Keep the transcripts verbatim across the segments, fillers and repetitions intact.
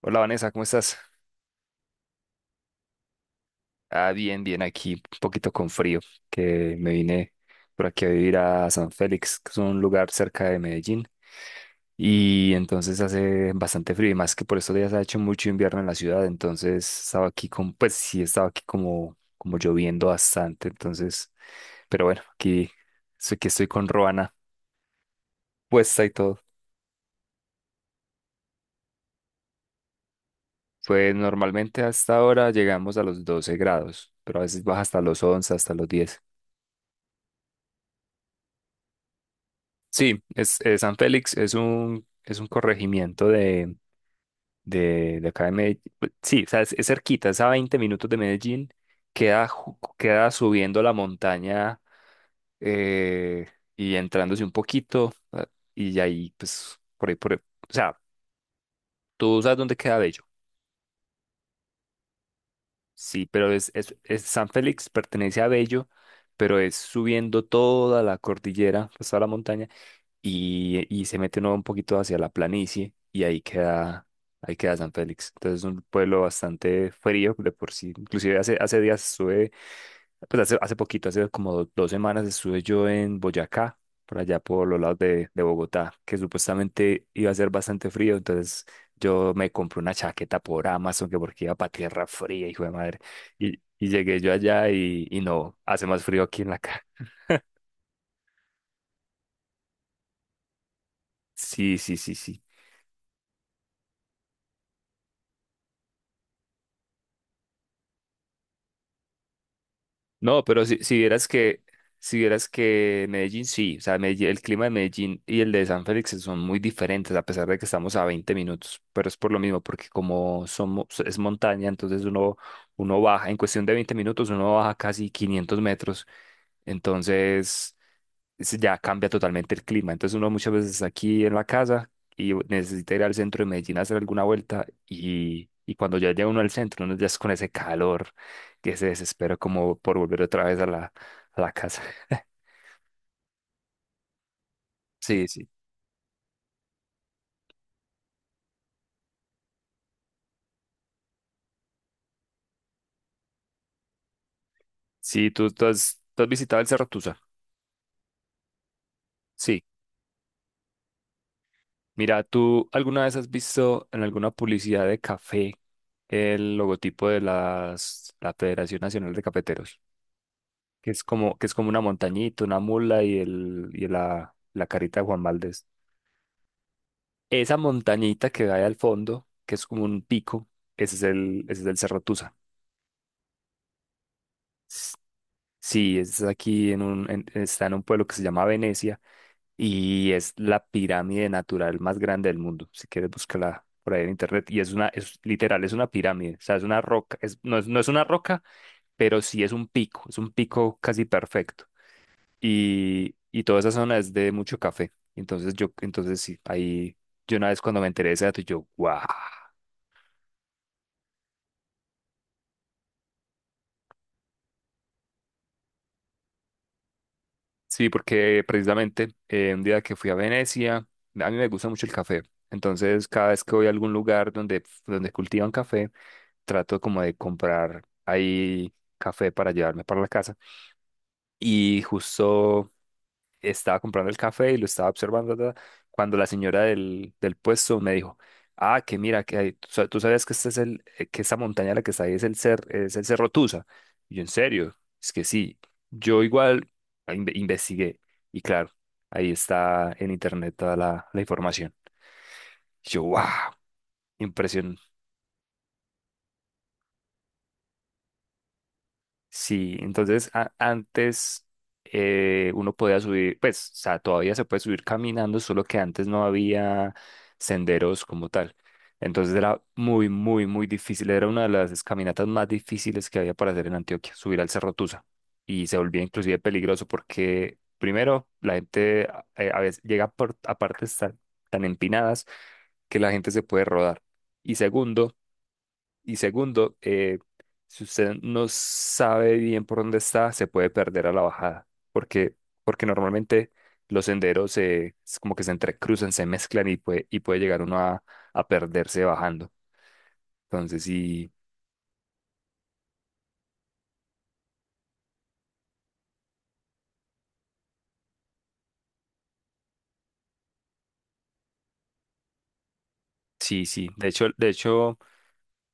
Hola Vanessa, ¿cómo estás? Ah, bien, bien, aquí un poquito con frío, que me vine por aquí a vivir a San Félix, que es un lugar cerca de Medellín, y entonces hace bastante frío, y más que por estos días ha hecho mucho invierno en la ciudad, entonces estaba aquí con, pues sí, estaba aquí como, como lloviendo bastante, entonces, pero bueno, aquí, estoy- aquí estoy con Roana puesta y todo. Pues normalmente hasta ahora llegamos a los doce grados, pero a veces baja hasta los once, hasta los diez. Sí, es, eh, San Félix es un, es un corregimiento de, de, de acá de Medellín. Pues, sí, o sea, es, es cerquita, es a veinte minutos de Medellín. Queda, ju- queda subiendo la montaña eh, y entrándose un poquito. ah, Y ahí, pues, por ahí, por ahí- o sea, tú sabes dónde queda Bello. Sí, pero es, es, es San Félix pertenece a Bello, pero es subiendo toda la cordillera, pues toda la montaña y, y se mete uno un poquito hacia la planicie y ahí queda, ahí queda San Félix. Entonces es un pueblo bastante frío de por sí. Inclusive hace, hace días estuve, pues hace, hace poquito, hace como do- dos semanas estuve yo en Boyacá, por allá por los lados de, de Bogotá, que supuestamente iba a ser bastante frío. Entonces yo me compré una chaqueta por Amazon que porque iba para tierra fría, hijo de madre. Y, y llegué yo allá y, y no, hace más frío aquí en la casa. Sí, sí, sí, sí. No, pero si, si vieras que, si vieras que Medellín, sí, o sea, Medellín- el clima de Medellín y el de San Félix son muy diferentes, a pesar de que estamos a veinte minutos, pero es por lo mismo, porque como somos, es montaña, entonces uno, uno baja, en cuestión de veinte minutos, uno baja casi quinientos metros, entonces es- ya cambia totalmente el clima. Entonces uno muchas veces está aquí en la casa y necesita ir al centro de Medellín a hacer alguna vuelta y, y cuando ya llega uno al centro, uno ya es con ese calor que se desespera como por volver otra vez a la, a la casa. Sí, sí. Sí, tú, tú has, tú has visitado el Cerro Tusa. Sí. Mira, ¿tú alguna vez has visto en alguna publicidad de café el logotipo de las, la Federación Nacional de Cafeteros? Que es como, que es como una montañita, una mula y, el, y la, la carita de Juan Valdés. Esa montañita que hay al fondo, que es como un pico, ese es el, ese es el Cerro Tusa. S- Sí, es aquí en un, en- está en un pueblo que se llama Venecia y es la pirámide natural más grande del mundo. Si quieres, búscala por ahí en internet. Y es una, es literal, es una pirámide. O sea, es una roca. Es, no es, no es una roca, pero sí es un pico. Es un pico casi perfecto. Y, y toda esa zona es de mucho café. Entonces, yo, entonces sí, ahí yo una vez cuando me enteré de ese dato, yo, ¡guau! Sí, porque precisamente eh, un día que fui a Venecia, a mí me gusta mucho el café. Entonces, cada vez que voy a algún lugar donde, donde cultivan café, trato como de comprar ahí café para llevarme para la casa. Y justo estaba comprando el café y lo estaba observando ta, ta, cuando la señora del, del puesto me dijo, ah, que mira, que hay- tú sa- tú sabías que este es el, eh, que esta montaña la que está ahí es el cer, es el Cerro Tusa. Y yo, en serio, es que sí. Yo igual inve- investigué y claro, ahí está en internet toda la, la información. Y yo, wow. Sí, entonces a- antes eh, uno podía subir, pues, o sea, todavía se puede subir caminando, solo que antes no había senderos como tal. Entonces era muy, muy, muy difícil. Era una de las caminatas más difíciles que había para hacer en Antioquia, subir al Cerro Tusa. Y se volvía inclusive peligroso porque, primero, la gente a, eh, a veces llega por- a partes tan, tan empinadas que la gente se puede rodar. Y segundo, y segundo, eh, si usted no sabe bien por dónde está, se puede perder a la bajada, porque, porque normalmente los senderos se, es como que se entrecruzan, se mezclan y puede, y puede llegar uno a, a perderse bajando. Entonces, sí, sí, sí. De hecho, de hecho,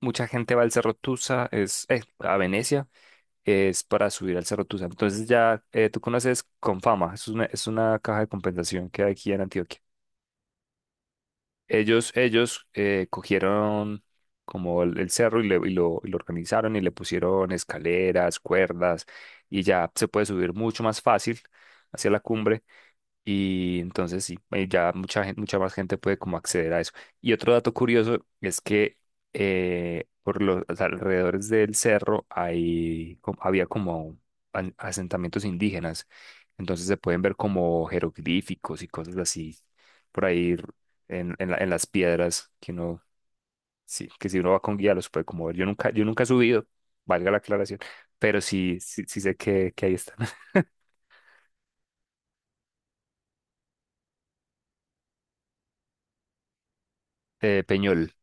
mucha gente va al Cerro Tusa, es, eh, a Venecia, es para subir al Cerro Tusa. Entonces ya eh, tú conoces Confama, es una, es una caja de compensación que hay aquí en Antioquia. Ellos, ellos eh, cogieron como el, el cerro y, le- y lo, y lo organizaron y le pusieron escaleras, cuerdas y ya se puede subir mucho más fácil hacia la cumbre. Y entonces sí, eh, ya mucha gente, mucha más gente puede como acceder a eso. Y otro dato curioso es que eh, por los alrededores del cerro hay, co- había como an- asentamientos indígenas. Entonces se pueden ver como jeroglíficos y cosas así por ahí en, en la- en las piedras que uno, sí, que si uno va con guía los puede como ver. Yo nunca, yo nunca he subido, valga la aclaración, pero sí, sí, sí sé que, que ahí están. Eh, Peñol.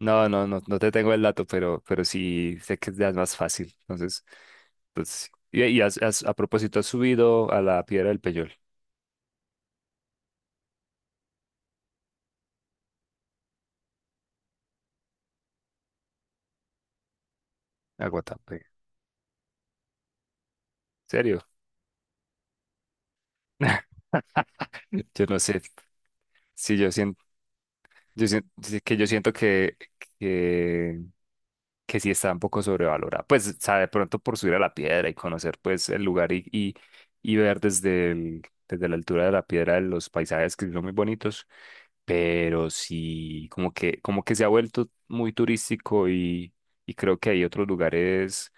No, no, no, no te tengo el dato, pero, pero sí sé que es de las más fácil. Entonces, pues, sí. Y, y has- has- a propósito, has subido a la Piedra del Peñol, a Guatapé. ¿En serio? Yo no sé. Sí, yo siento. Yo sien- sí, que yo siento que, que, que sí está un poco sobrevalorada. Pues, o sea, de pronto por subir a la piedra y conocer pues el lugar y, y, y ver desde el, desde la altura de la piedra los paisajes que son muy bonitos, pero sí como que, como que se ha vuelto muy turístico y, y creo que hay otros lugares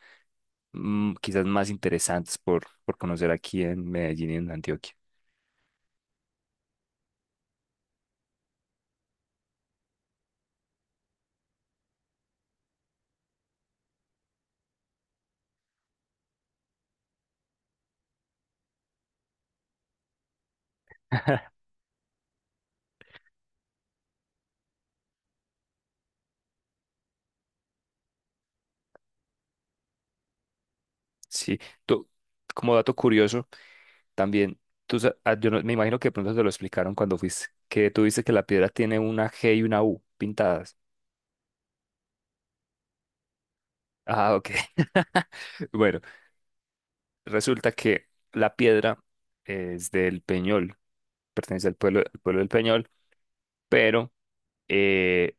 mm, quizás más interesantes por, por conocer aquí en Medellín y en Antioquia. Sí, tú, como dato curioso. También, tú, sa- ah, yo no- me imagino que de pronto te lo explicaron cuando fuiste, que tú dices que la piedra tiene una G y una U pintadas. Ah, ok. Bueno, resulta que la piedra es del Peñol, pertenece al pueblo, al pueblo del Peñol, pero eh,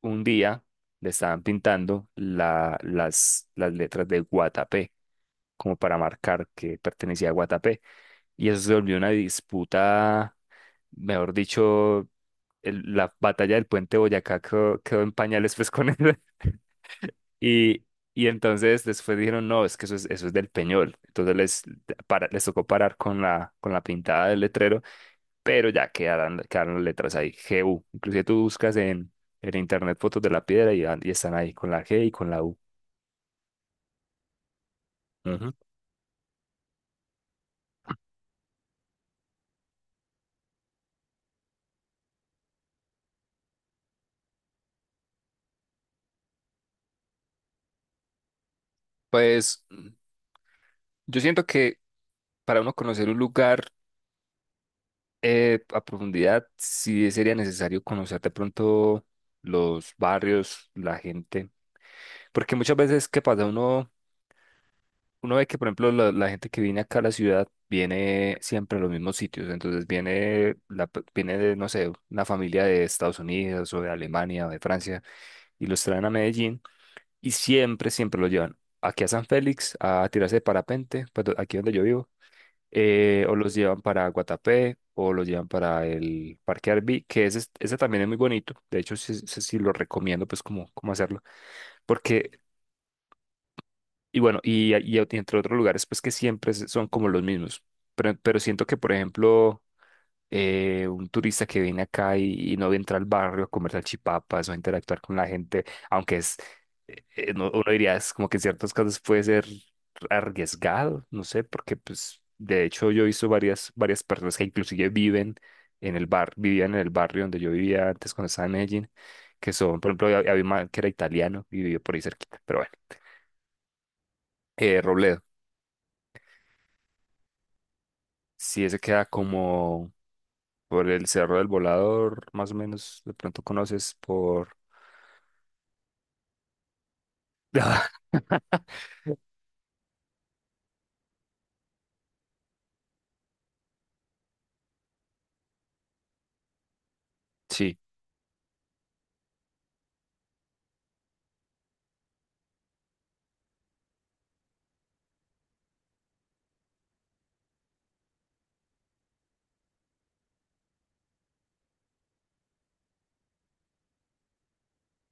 un día le estaban pintando la- las, las letras de Guatapé, como para marcar que pertenecía a Guatapé, y eso se volvió una disputa, mejor dicho, el- la batalla del puente de Boyacá quedó, quedó en pañales pues con él. Y, y entonces después dijeron, no, es que eso es, eso es del Peñol. Entonces les, para, les tocó parar con la, con la pintada del letrero, pero ya quedaron, quedaron las letras ahí, G GU. Inclusive tú buscas en, en internet fotos de la piedra y, y están ahí con la G y con la U. Ujú. Pues mm, yo siento que para uno conocer un lugar eh, a profundidad, sí sería necesario conocer de pronto los barrios, la gente. Porque muchas veces, ¿qué pasa? Uno, uno ve que, por ejemplo, la, la gente que viene acá a la ciudad viene siempre a los mismos sitios. Entonces viene, la, pe- viene de, no sé, una familia de Estados Unidos o de Alemania o de Francia y los traen a Medellín y siempre, siempre los llevan aquí a San Félix a tirarse de parapente, pues do- aquí donde yo vivo, eh, o los llevan para Guatapé o los llevan para el Parque Arví, que ese, es- ese también es muy bonito. De hecho, sí, sí, sí lo recomiendo, pues, como, cómo cómo hacerlo. Porque, y bueno, y, y entre otros lugares, pues que siempre se- son como los mismos. Pero, pero siento que, por ejemplo, eh, un turista que viene acá y, y no entra al barrio a comer salchipapas o a interactuar con la gente, aunque es, eh, eh, no- uno diría, es como que en ciertos casos puede ser arriesgado, no sé, porque pues de hecho yo he visto varias, varias personas que inclusive viven en el bar, vivían en el barrio donde yo vivía antes cuando estaba en Medellín, que son, por ejemplo, había había un man que era italiano y vivió por ahí cerquita, pero bueno, eh, Robledo. Sí, ese queda como por el Cerro del Volador, más o menos, de pronto conoces por... Sí,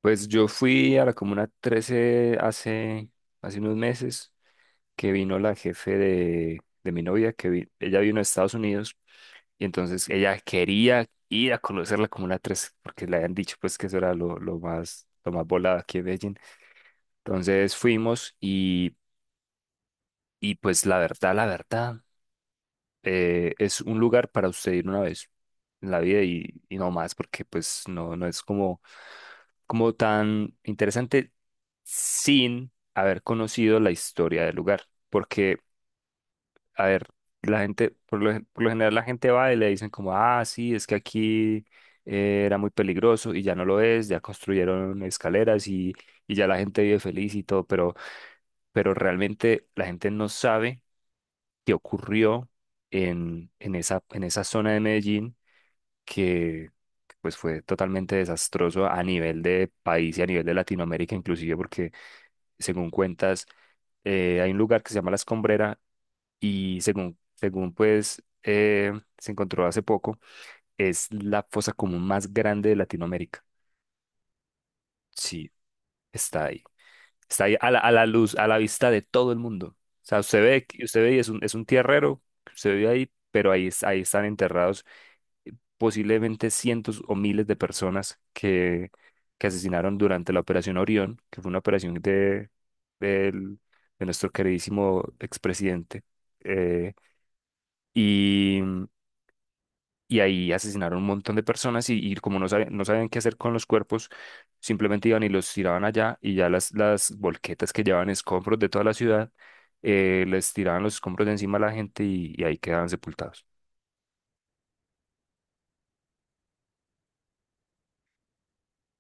pues yo fui a la Comuna trece hace, hace unos meses, que vino la jefe de, de mi novia, que vi- ella vino a Estados Unidos, y entonces ella quería ir a conocer la Comuna trece, porque le habían dicho pues que eso era lo, lo más, lo más volado aquí en Medellín. Entonces fuimos y, y pues la verdad, la verdad, eh, es un lugar para usted ir una vez en la vida y, y no más, porque pues no, no es como, como tan interesante sin haber conocido la historia del lugar. Porque, a ver, la gente, por lo, gen- por lo general la gente va y le dicen como, ah, sí, es que aquí eh, era muy peligroso y ya no lo es, ya construyeron escaleras y, y ya la gente vive feliz y todo, pero, pero realmente la gente no sabe qué ocurrió en, en esa, en esa zona de Medellín que que, pues fue totalmente desastroso a nivel de país y a nivel de Latinoamérica inclusive porque según cuentas eh, hay un lugar que se llama La Escombrera y según según pues eh, se encontró hace poco es la fosa común más grande de Latinoamérica. Sí, está ahí. Está ahí a la, a la luz, a la vista de todo el mundo. O sea, usted ve, que- usted ve y es un, es un tierrero, usted ve ahí, pero ahí, es- ahí están enterrados posiblemente cientos o miles de personas que, que asesinaron durante la Operación Orión, que fue una operación de, del- de nuestro queridísimo expresidente, eh, y, y ahí asesinaron un montón de personas y, y como no sabían, no sabían qué hacer con los cuerpos, simplemente iban y los tiraban allá y ya las, las volquetas que llevaban escombros de toda la ciudad, eh, les tiraban los escombros de encima a la gente y y ahí quedaban sepultados.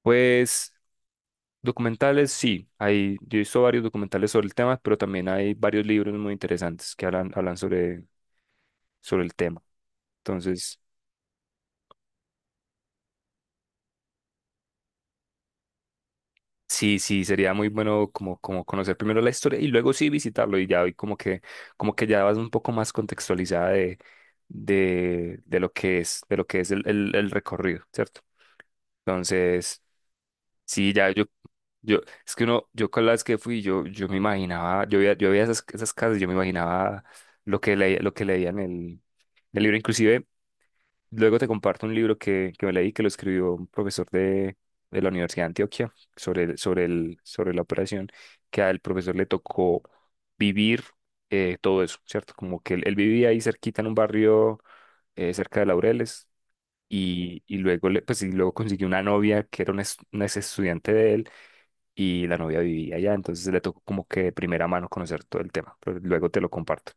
Pues documentales, sí, hay, yo he visto varios documentales sobre el tema, pero también hay varios libros muy interesantes que hablan, hablan sobre, sobre el tema. Entonces, sí, sí, sería muy bueno como, como conocer primero la historia y luego sí visitarlo y ya hoy como que, como que ya vas un poco más contextualizada de, de, de lo que es, de lo que es el, el, el recorrido, ¿cierto? Entonces, sí, ya yo, yo, es que uno, yo con las que fui, yo, yo me imaginaba, yo veía, yo veía esas, esas casas, yo me imaginaba lo que leía, lo que leía en el, el libro. Inclusive, luego te comparto un libro que, que me leí, que lo escribió un profesor de, de la Universidad de Antioquia sobre, el- sobre el, sobre la operación, que al profesor le tocó vivir eh, todo eso, ¿cierto? Como que él, él vivía ahí cerquita en un barrio eh, cerca de Laureles. Y, y luego, le- pues, y luego consiguió una novia que era una, es- una ex estudiante de él y la novia vivía allá, entonces le tocó como que de primera mano conocer todo el tema, pero luego te lo comparto.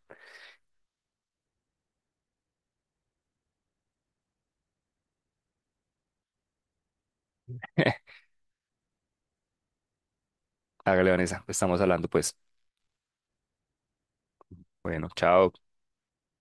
Hágale, Vanessa, estamos hablando pues. Bueno, chao.